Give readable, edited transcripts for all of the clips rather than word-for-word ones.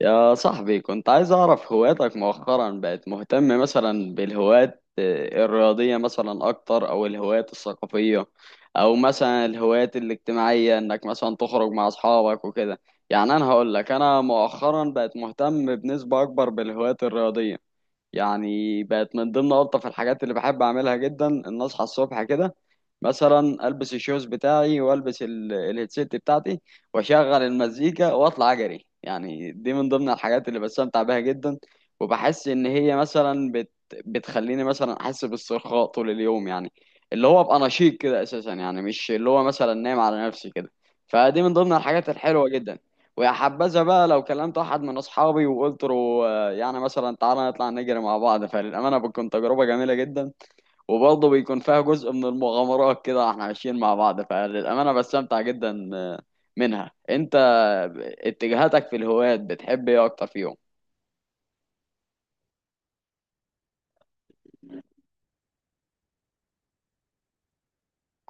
يا صاحبي، كنت عايز أعرف هواياتك. مؤخرا بقت مهتم مثلا بالهوايات الرياضية مثلا أكتر أو الهوايات الثقافية أو مثلا الهوايات الاجتماعية، إنك مثلا تخرج مع أصحابك وكده. يعني أنا هقول لك، أنا مؤخرا بقت مهتم بنسبة أكبر بالهوايات الرياضية. يعني بقت من ضمن ألطف الحاجات اللي بحب أعملها جدا إن أصحى الصبح كده، مثلا ألبس الشوز بتاعي وألبس الهيدسيت بتاعتي وأشغل المزيكا وأطلع أجري. يعني دي من ضمن الحاجات اللي بستمتع بيها جدا. وبحس إن هي مثلا بتخليني مثلا أحس باسترخاء طول اليوم، يعني اللي هو أبقى نشيط كده أساسا، يعني مش اللي هو مثلا نايم على نفسي كده. فدي من ضمن الحاجات الحلوة جدا. ويا حبذا بقى لو كلمت واحد من اصحابي وقلت له يعني مثلا تعالى نطلع نجري مع بعض. فللامانه بتكون تجربه جميله جدا، وبرضه بيكون فيها جزء من المغامرات كده، احنا ماشيين مع بعض. فللامانه بستمتع جدا منها. انت اتجاهاتك في الهوايات بتحب ايه اكتر فيهم؟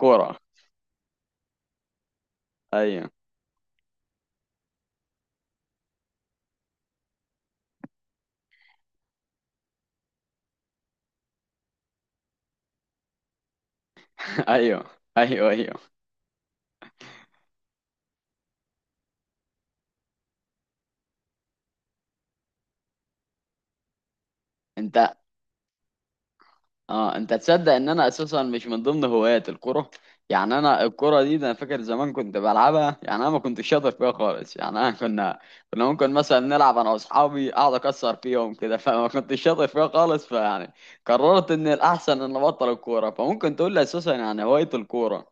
كوره، ايوه. ايوه، ايوه، ايوه. انت، اه، انت تصدق ان انا اساسا مش من ضمن هوايات الكرة؟ يعني انا الكرة دي، ده انا فاكر زمان كنت بلعبها. يعني انا ما كنتش شاطر فيها خالص. يعني انا كنا ممكن مثلا نلعب انا واصحابي، اقعد اكسر فيهم كده فما كنتش شاطر فيها خالص. فيعني قررت ان الاحسن ان ابطل الكورة. فممكن تقول لي اساسا يعني هواية الكورة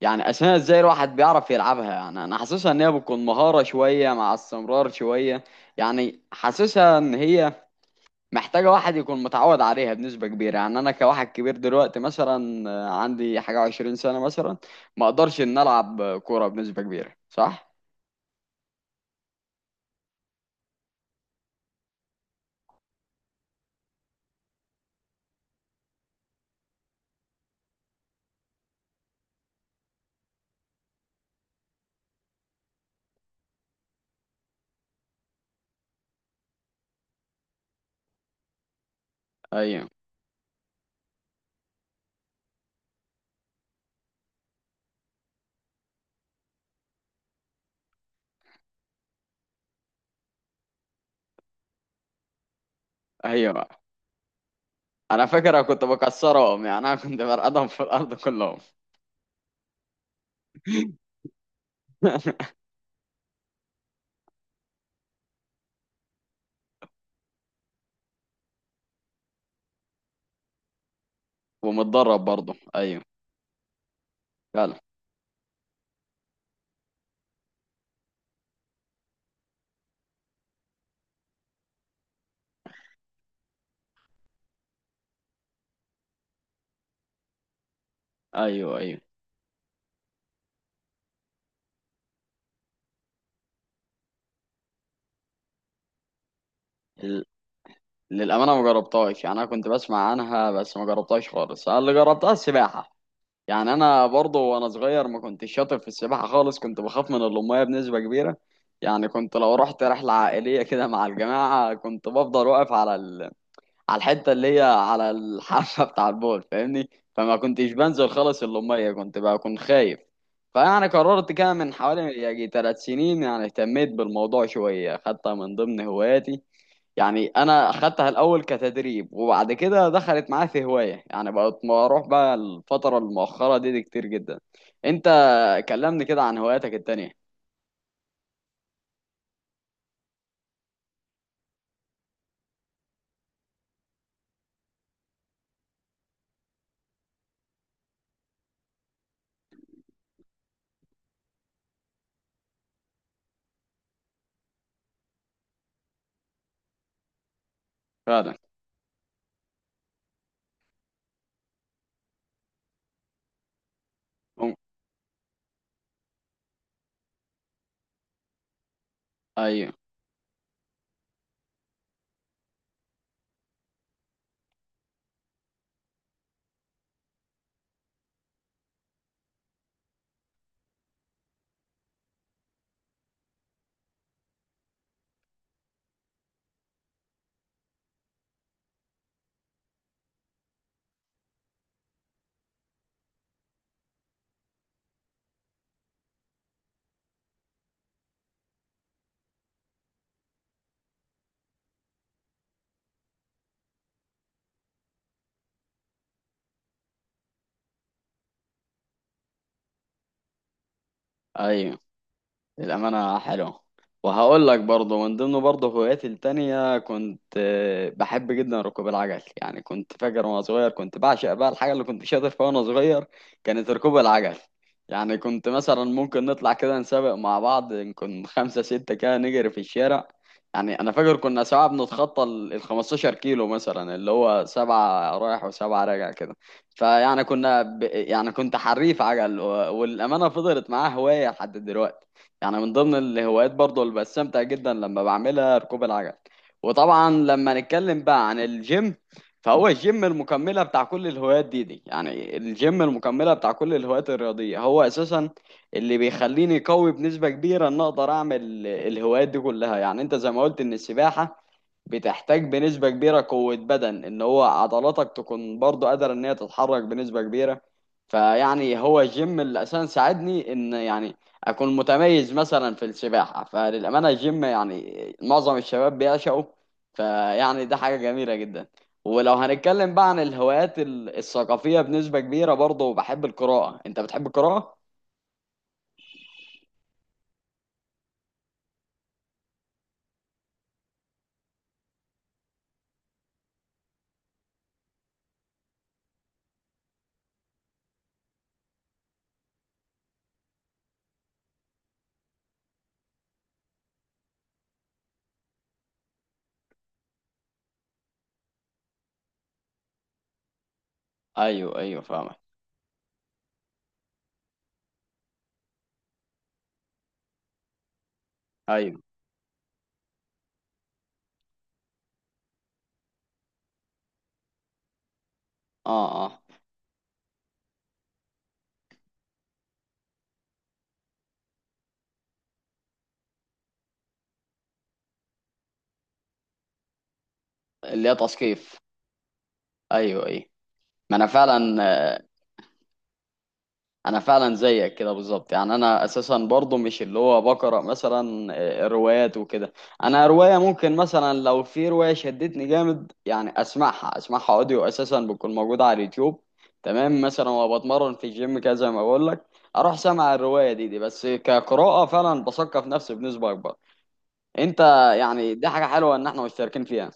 يعني اساسا ازاي الواحد بيعرف يلعبها؟ يعني انا حاسسها ان هي بتكون مهارة شوية مع استمرار شوية، يعني حاسسها ان هي محتاجة واحد يكون متعود عليها بنسبة كبيرة. يعني أنا كواحد كبير دلوقتي، مثلا عندي حاجة 20 سنة مثلا، ما أقدرش إن ألعب كورة بنسبة كبيرة. صح؟ أيوه، أيوه. أنا فاكر أنا كنت بكسرهم. يعني أنا كنت برقدهم في الأرض كلهم. ومتدرب برضه، أيوه. فعلا، أيوه، أيوه. ال- للأمانة ما جربتهاش. يعني أنا كنت بسمع عنها بس ما جربتهاش خالص. أنا اللي جربتها السباحة. يعني انا برضه وانا صغير ما كنتش شاطر في السباحه خالص. كنت بخاف من الميه بنسبه كبيره. يعني كنت لو رحت رحله عائليه كده مع الجماعه، كنت بفضل واقف على على الحته اللي هي على الحافه بتاع البول، فاهمني. فما كنتش بنزل خالص الميه، كنت بكون خايف. فيعني قررت كده من حوالي يجي 3 سنين، يعني اهتميت بالموضوع شويه، خدتها من ضمن هواياتي. يعني انا اخدتها الاول كتدريب وبعد كده دخلت معايا في هوايه. يعني بقت بروح بقى الفتره المؤخره دي كتير جدا. انت، كلمني كده عن هواياتك التانية. فعلا. أم- ايوه، ايوه. الأمانة حلو. وهقول لك برضه من ضمن برضه هواياتي التانية، كنت بحب جدا ركوب العجل. يعني كنت فاكر وأنا صغير كنت بعشق بقى، الحاجة اللي كنت شاطر فيها وأنا صغير كانت ركوب العجل. يعني كنت مثلا ممكن نطلع كده نسابق مع بعض، نكون خمسة ستة كده نجري في الشارع. يعني أنا فاكر كنا ساعات بنتخطى ال 15 كيلو مثلا، اللي هو 7 رايح و7 راجع كده. فيعني كنا يعني كنت حريف عجل، والأمانة فضلت معاه هواية لحد دلوقتي. يعني من ضمن الهوايات برضو اللي بستمتع جدا لما بعملها ركوب العجل. وطبعا لما نتكلم بقى عن الجيم، فهو الجيم المكملة بتاع كل الهوايات دي. يعني الجيم المكملة بتاع كل الهوايات الرياضية هو أساسا اللي بيخليني قوي بنسبة كبيرة إن أقدر أعمل الهوايات دي كلها. يعني أنت زي ما قلت إن السباحة بتحتاج بنسبة كبيرة قوة بدن، ان هو عضلاتك تكون برضو قادرة ان هي تتحرك بنسبة كبيرة. فيعني هو الجيم اللي اساسا ساعدني ان يعني اكون متميز مثلا في السباحة. فللأمانة الجيم يعني معظم الشباب بيعشقه. فيعني ده حاجة جميلة جدا. ولو هنتكلم بقى عن الهوايات الثقافية، بنسبة كبيرة برضو بحب القراءة. انت بتحب القراءة؟ ايوه، ايوه، فاهمك. ايوه. اه، اه. اللي هي تثقيف. ايوه، ايوه. ما انا فعلا انا فعلا زيك كده بالظبط. يعني انا اساسا برضو مش اللي هو بقرا مثلا روايات وكده. انا روايه ممكن مثلا لو في روايه شدتني جامد، يعني اسمعها، اسمعها اوديو اساسا بتكون موجوده على اليوتيوب تمام، مثلا وبتمرن في الجيم كده زي ما بقول لك، اروح سامع الروايه دي. بس كقراءه، فعلا بثقف نفسي بنسبه اكبر. انت، يعني دي حاجه حلوه ان احنا مشتركين فيها.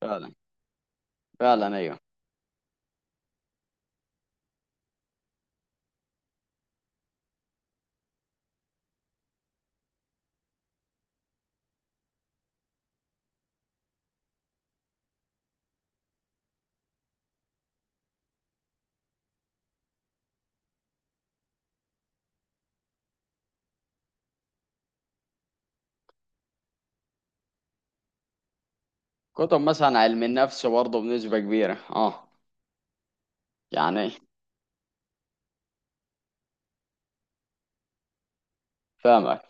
فعلا، فعلا، ايوه. كتب مثلا علم النفس برضه بنسبه كبيره، اه. يعني فاهمك.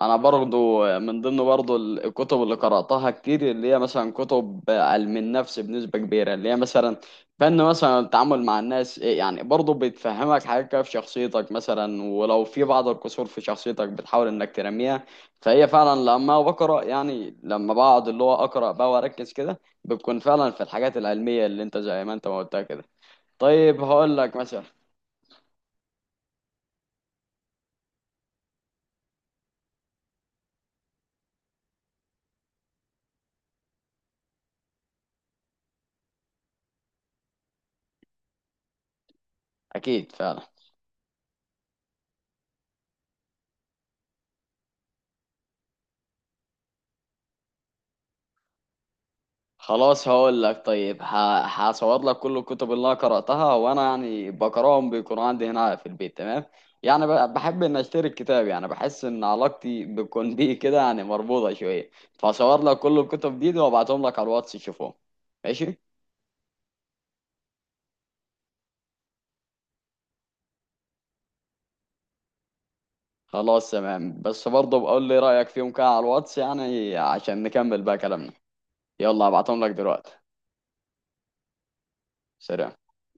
انا برضو من ضمن برضو الكتب اللي قرأتها كتير اللي هي مثلا كتب علم النفس بنسبة كبيرة، اللي هي مثلا فن مثلا التعامل مع الناس، إيه يعني برضو بتفهمك حاجات كده في شخصيتك، مثلا ولو في بعض الكسور في شخصيتك بتحاول انك ترميها. فهي فعلا لما بقرأ، يعني لما بقعد اللي هو أقرأ بقى واركز كده، بتكون فعلا في الحاجات العلمية اللي انت زي ما انت ما قلتها كده. طيب هقول لك مثلا. اكيد فعلا. خلاص هقول لك، طيب هصور لك كل الكتب اللي انا قراتها، وانا يعني بقراهم بيكون عندي هنا في البيت تمام. يعني بحب ان اشتري الكتاب. يعني بحس ان علاقتي بتكون بيه كده يعني مربوطه شويه. فصور لك كل الكتب دي وابعتهم لك على الواتس تشوفهم. ماشي. خلاص تمام، بس برضه بقول لي رايك فيهم كده على الواتس، يعني عشان نكمل بقى كلامنا. يلا ابعتهم لك دلوقتي. سلام.